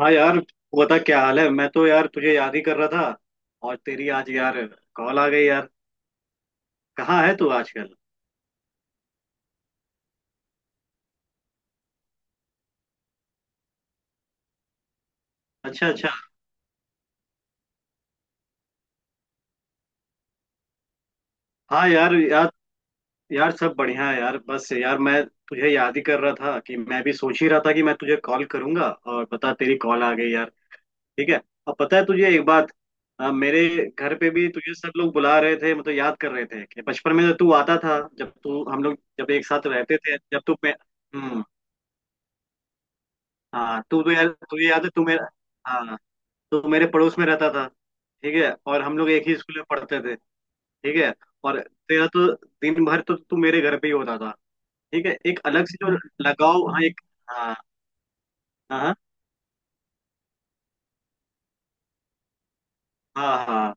हाँ यार, तू बता क्या हाल है। मैं तो यार तुझे याद ही कर रहा था। और तेरी आज यार कॉल आ गई यार। कहाँ है तू आजकल? अच्छा अच्छा। हाँ यार, यार सब बढ़िया है यार, बस यार मैं तुझे याद ही कर रहा था कि मैं भी सोच ही रहा था कि मैं तुझे कॉल करूंगा और पता तेरी कॉल आ गई यार। ठीक है। अब पता है तुझे एक बात, मेरे घर पे भी तुझे सब लोग बुला रहे थे, मतलब याद कर रहे थे कि बचपन में जब तू आता था, जब तू हम लोग जब एक साथ रहते थे, जब हम्म। हाँ तू तो यार, तुझे याद है, तू मेरा, हाँ, तो मेरे पड़ोस में रहता था। ठीक है, और हम लोग एक ही स्कूल में पढ़ते थे। ठीक है। और तेरा तो दिन भर तो तू मेरे घर पे ही होता था। ठीक है, एक अलग से जो लगाव, हाँ एक, हाँ हाँ हाँ हाँ हाँ।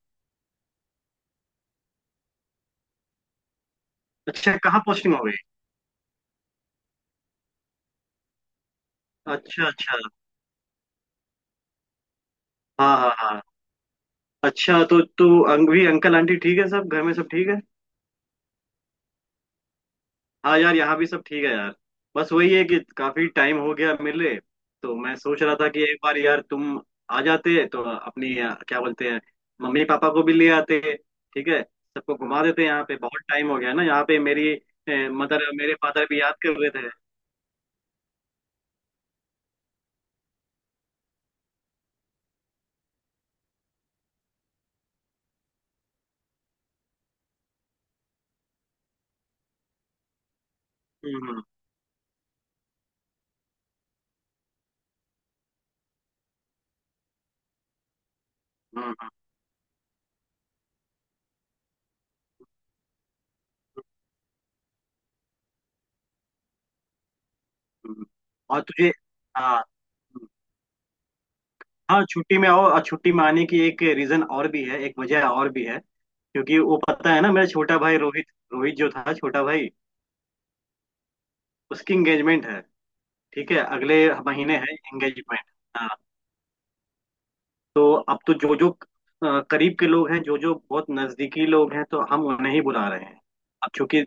अच्छा, कहाँ पोस्टिंग हो गई? अच्छा अच्छा। हाँ हाँ हाँ। अच्छा तो तू, अंग भी अंकल आंटी ठीक है, सब घर में सब ठीक है? हाँ यार, यहाँ भी सब ठीक है यार। बस वही है कि काफी टाइम हो गया मिले, तो मैं सोच रहा था कि एक बार यार तुम आ जाते तो अपनी क्या बोलते हैं, मम्मी पापा को भी ले आते। ठीक है, सबको घुमा देते, यहाँ पे बहुत टाइम हो गया ना, यहाँ पे मेरी मदर मेरे फादर भी याद कर रहे थे। हम्म हम्म हम्म, हम्म। और तुझे, हाँ, हाँ छुट्टी में आओ, और छुट्टी में आने की एक रीजन और भी है, एक वजह और भी है, क्योंकि वो पता है ना, मेरा छोटा भाई रोहित, रोहित जो था छोटा भाई, उसकी एंगेजमेंट है। ठीक है, अगले महीने है एंगेजमेंट। हाँ। तो अब तो जो जो करीब के लोग हैं, जो जो बहुत नजदीकी लोग हैं, तो हम उन्हें ही बुला रहे हैं। अब चूंकि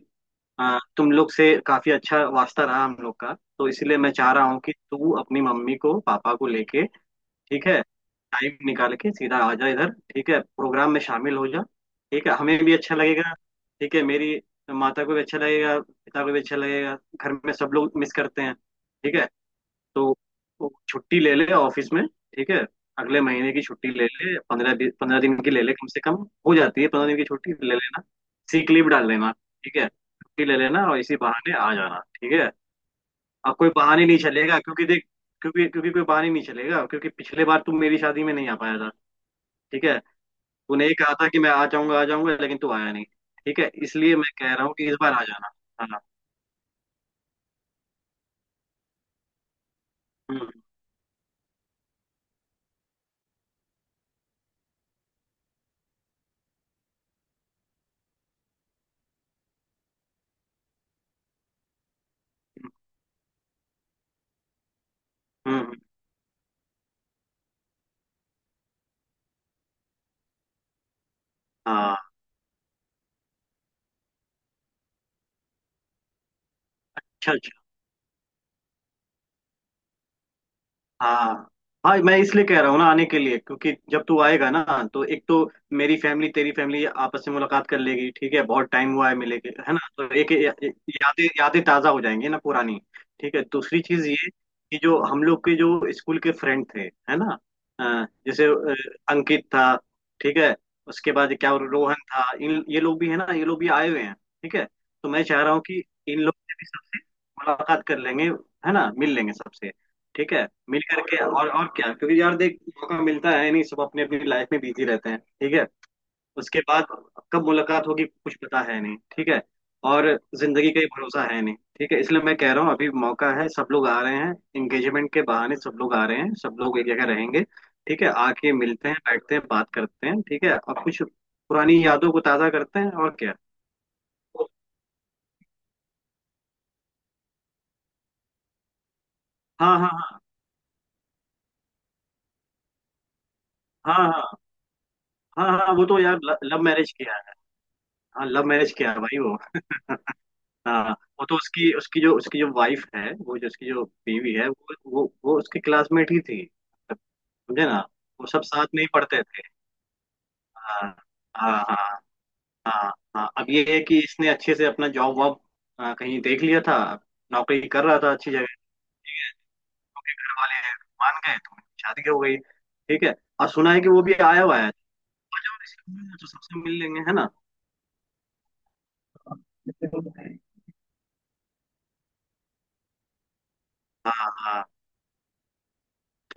तुम लोग से काफी अच्छा वास्ता रहा हम लोग का, तो इसलिए मैं चाह रहा हूँ कि तू अपनी मम्मी को पापा को लेके, ठीक है, टाइम निकाल के सीधा आ जा इधर। ठीक है, प्रोग्राम में शामिल हो जा। ठीक है, हमें भी अच्छा लगेगा। ठीक है, मेरी माता को भी अच्छा लगेगा, पिता को भी अच्छा लगेगा, घर में सब लोग मिस करते हैं। ठीक है, तो वो छुट्टी ले ले ऑफिस में। ठीक है, अगले महीने की छुट्टी ले ले, 15 दिन, 15 दिन की ले ले कम से कम। हो जाती है 15 दिन की छुट्टी, ले लेना, सीक लीव डाल देना। ठीक है, छुट्टी ले लेना और इसी बहाने आ जाना। ठीक है, अब कोई बहाने नहीं चलेगा क्योंकि देख, क्योंकि क्योंकि कोई बहाने नहीं चलेगा, क्योंकि पिछले बार तुम मेरी शादी में नहीं आ पाया था। ठीक है, तूने ये कहा था कि मैं आ जाऊंगा आ जाऊंगा, लेकिन तू आया नहीं। ठीक है, इसलिए मैं कह रहा हूँ कि इस बार आ जाना। हाँ। हम्म हम्म हम्म, हाँ। अच्छा। हाँ हाँ, मैं इसलिए कह रहा हूँ ना आने के लिए, क्योंकि जब तू आएगा ना, तो एक तो मेरी फैमिली तेरी फैमिली आपस में मुलाकात कर लेगी। ठीक है, बहुत टाइम हुआ है मिले के, है ना, तो एक यादें यादें ताज़ा हो जाएंगी ना पुरानी। ठीक है, दूसरी चीज़ ये कि जो हम लोग के जो स्कूल के फ्रेंड थे, है ना, जैसे अंकित था, ठीक है, उसके बाद क्या रोहन था, इन ये लोग भी है ना, ये लोग भी आए हुए हैं। ठीक है, तो मैं चाह रहा हूँ कि इन लोग से भी सबसे मुलाकात कर लेंगे, है ना, मिल लेंगे सबसे। ठीक है, मिल करके और क्या, क्योंकि यार देख, मौका मिलता है नहीं, सब अपनी अपनी लाइफ में बिजी रहते हैं। ठीक है, उसके बाद कब मुलाकात होगी कुछ पता है नहीं। ठीक है, और जिंदगी का ही भरोसा है नहीं। ठीक है, इसलिए मैं कह रहा हूँ अभी मौका है, सब लोग आ रहे हैं एंगेजमेंट के बहाने, सब लोग आ रहे हैं, सब लोग एक जगह रहेंगे। ठीक है, आके मिलते हैं, बैठते हैं, बात करते हैं। ठीक है, और कुछ पुरानी यादों को ताजा करते हैं, और क्या। हाँ हाँ हाँ। हाँ हाँ हाँ। हाँ वो तो यार लव मैरिज किया है। हाँ, लव मैरिज किया है भाई वो। हाँ, वो तो उसकी उसकी जो, उसकी जो वाइफ है, वो जो उसकी जो बीवी है, वो उसकी क्लासमेट ही थी। मतलब समझे ना, वो सब साथ में ही पढ़ते थे। हाँ हाँ हाँ हाँ हाँ। अब ये है कि इसने अच्छे से अपना जॉब वॉब कहीं देख लिया था, नौकरी कर रहा था अच्छी जगह, घर वाले मान गए तो उनकी शादी हो गई। ठीक है, और सुना है कि वो भी आया हुआ है। तो आ जाओ इसी रूम में, तो सबसे मिल लेंगे, है ना। हाँ हाँ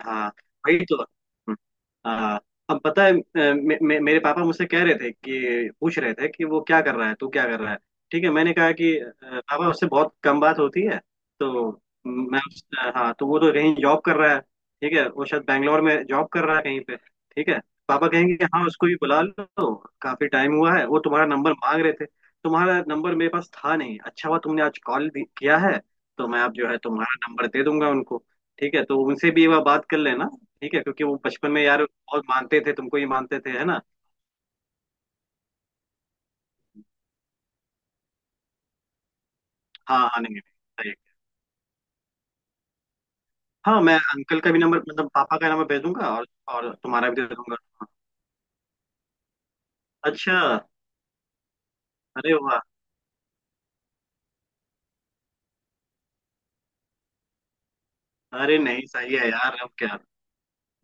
हाँ। वही तो हाँ। अब पता है अ, मे, मे, मेरे पापा मुझसे कह रहे थे, कि पूछ रहे थे कि वो क्या कर रहा है, तू क्या कर रहा है। ठीक है, मैंने कहा कि पापा उससे बहुत कम बात होती है, तो मैं हाँ, तो वो तो कहीं जॉब कर रहा है। ठीक है, वो शायद बैंगलोर में जॉब कर रहा है कहीं पे। ठीक है, पापा कहेंगे कि हाँ उसको भी बुला लो, काफी टाइम हुआ है, वो तुम्हारा नंबर मांग रहे थे। तुम्हारा नंबर मेरे पास था नहीं, अच्छा हुआ तुमने आज कॉल किया है, तो मैं अब जो है तुम्हारा नंबर दे दूंगा उनको। ठीक है, तो उनसे भी एक बार बात कर लेना। ठीक है, क्योंकि वो बचपन में यार बहुत मानते थे, तुमको ही मानते थे, है ना। हाँ हाँ, नहीं नहीं, सही है। हाँ, मैं अंकल का भी नंबर, मतलब पापा का नंबर भेज दूंगा, और तुम्हारा भी दे दूंगा। अच्छा। अरे वाह। अरे नहीं, सही है यार, अब क्या।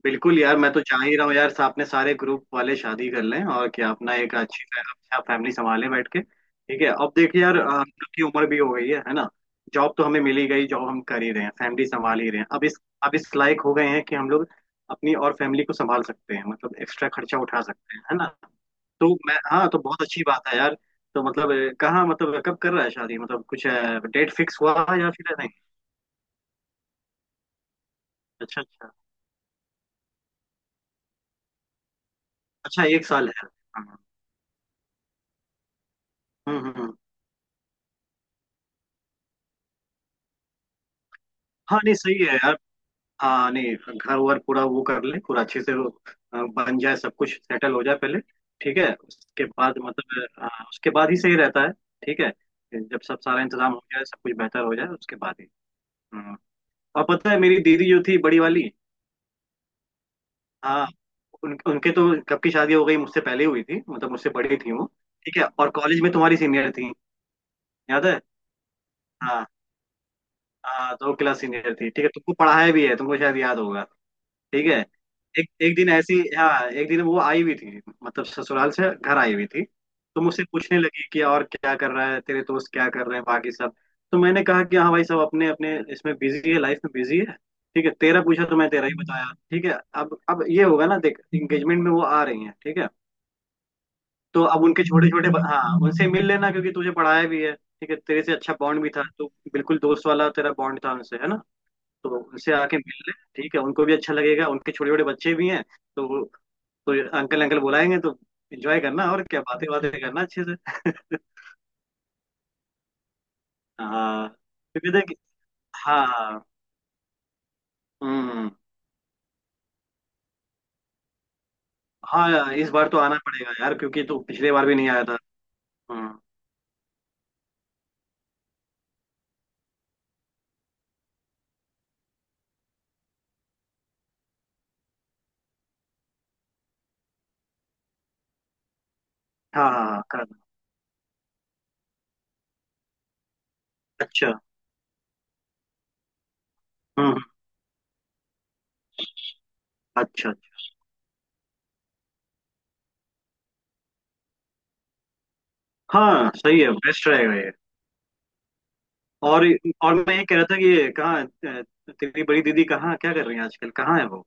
बिल्कुल यार, मैं तो चाह ही रहा हूँ यार अपने सारे ग्रुप वाले शादी कर लें, और क्या, अपना एक अच्छी अच्छा फैमिली संभाले बैठ के। ठीक है, अब देखिए यार हम लोग की उम्र भी हो गई है ना। जॉब तो हमें मिली गई, जॉब हम कर ही रहे हैं, फैमिली संभाल ही रहे हैं, अब इस लायक हो गए हैं कि हम लोग अपनी और फैमिली को संभाल सकते हैं, मतलब एक्स्ट्रा खर्चा उठा सकते हैं, है ना। तो मैं, हाँ, तो बहुत अच्छी बात है यार। तो मतलब कहाँ, मतलब कब कर रहा है शादी, मतलब कुछ डेट फिक्स हुआ है या फिर नहीं। अच्छा अच्छा। अच्छा, एक साल है। हाँ। हम्म हम्म हम्म। हाँ नहीं सही है यार। हाँ नहीं, घर वर पूरा वो कर ले, पूरा अच्छे से वो, बन जाए, सब कुछ सेटल हो जाए पहले। ठीक है, उसके बाद मतलब उसके बाद ही सही रहता है। ठीक है, जब सब सारा इंतजाम हो जाए, सब कुछ बेहतर हो जाए उसके बाद ही। हम्म। और पता है मेरी दीदी जो थी बड़ी वाली, हाँ, उनके तो कब की शादी हो गई, मुझसे पहले ही हुई थी, मतलब मुझसे बड़ी थी वो। ठीक है, और कॉलेज में तुम्हारी सीनियर थी, याद है। हाँ हाँ, दो क्लास सीनियर थी। ठीक है, तुमको पढ़ाया भी है, तुमको शायद याद होगा। ठीक है, एक एक दिन ऐसी हाँ एक दिन वो आई हुई थी, मतलब ससुराल से घर आई हुई थी। तो मुझसे पूछने लगी कि और क्या कर रहा है तेरे दोस्त, क्या कर रहे हैं बाकी सब। तो मैंने कहा कि हाँ भाई सब अपने अपने इसमें बिजी है, लाइफ में बिजी है। ठीक है, तेरा पूछा तो मैं तेरा ही बताया। ठीक है, अब ये होगा ना, देख, इंगेजमेंट में वो आ रही है। ठीक है, तो अब उनके छोटे छोटे, हाँ उनसे मिल लेना, क्योंकि तुझे पढ़ाया भी है। ठीक है, तेरे से अच्छा बॉन्ड भी था, तो बिल्कुल दोस्त वाला तेरा बॉन्ड था उनसे, है ना। तो उनसे आके मिल लें। ठीक है, उनको भी अच्छा लगेगा, उनके छोटे छोटे बच्चे भी हैं। तो वो- तो ये अंकल अंकल बुलाएंगे, तो एंजॉय करना, और क्या, बातें बातें करना अच्छे से हाँ, क्योंकि देख। हाँ। हम्म। हाँ यार, इस बार तो आना पड़ेगा यार, क्योंकि तो पिछले बार भी नहीं आया था। हम्म। हाँ हाँ हाँ कर। अच्छा। हम्म हम्म, अच्छा अच्छा। हाँ सही है, बेस्ट रहेगा ये। और और मैं ये कह रहा था कि ये कहाँ तेरी बड़ी दीदी कहाँ क्या कर रही है आजकल, कहाँ है वो।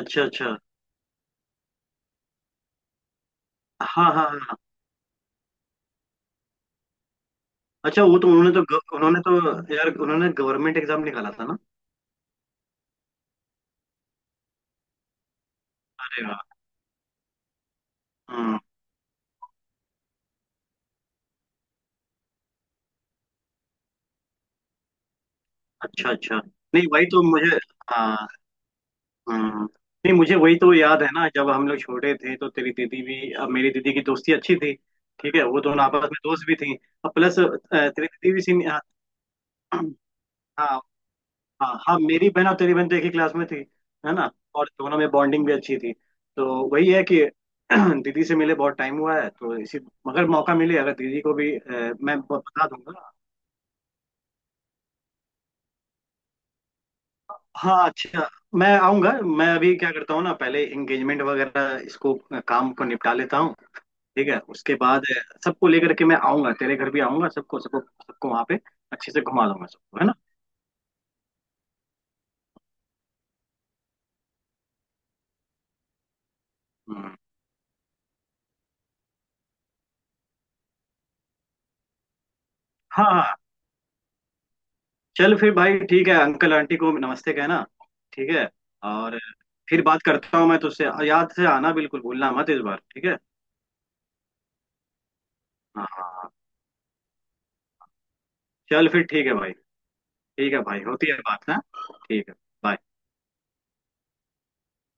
अच्छा अच्छा। हाँ हाँ हाँ। अच्छा, वो तो उन्होंने तो उन्होंने तो यार उन्होंने गवर्नमेंट एग्जाम निकाला था ना। अरे वाह। हम्म, अच्छा अच्छा। नहीं वही तो मुझे, हाँ, हम्म, नहीं मुझे वही तो याद है ना, जब हम लोग छोटे थे तो तेरी दीदी भी, अब मेरी दीदी की दोस्ती अच्छी थी। ठीक है, वो दोनों आपस में दोस्त भी थी, और प्लस तेरी दीदी भी सीन, हाँ, हाँ हाँ हाँ, मेरी बहन और तेरी बहन तो एक ही क्लास में थी, है ना। और दोनों में बॉन्डिंग भी अच्छी थी, तो वही है कि दीदी से मिले बहुत टाइम हुआ है, तो इसी, मगर मौका मिले, अगर दीदी को भी मैं बता दूंगा। हाँ अच्छा। मैं आऊंगा, मैं अभी क्या करता हूँ ना, पहले एंगेजमेंट वगैरह इसको, काम को निपटा लेता हूँ। ठीक है, उसके बाद सबको लेकर के मैं आऊंगा, तेरे घर भी आऊंगा, सबको सबको सबको वहाँ पे अच्छे से घुमा दूंगा सबको, है ना। हम्म। हाँ हाँ। चल फिर भाई, ठीक है, अंकल आंटी को नमस्ते कहना। ठीक है, और फिर बात करता हूँ मैं तुझसे, याद से आना, बिल्कुल भूलना मत इस बार। ठीक है। हाँ हाँ हाँ। चल फिर ठीक है भाई। ठीक है भाई, होती है बात ना। ठीक है। bye।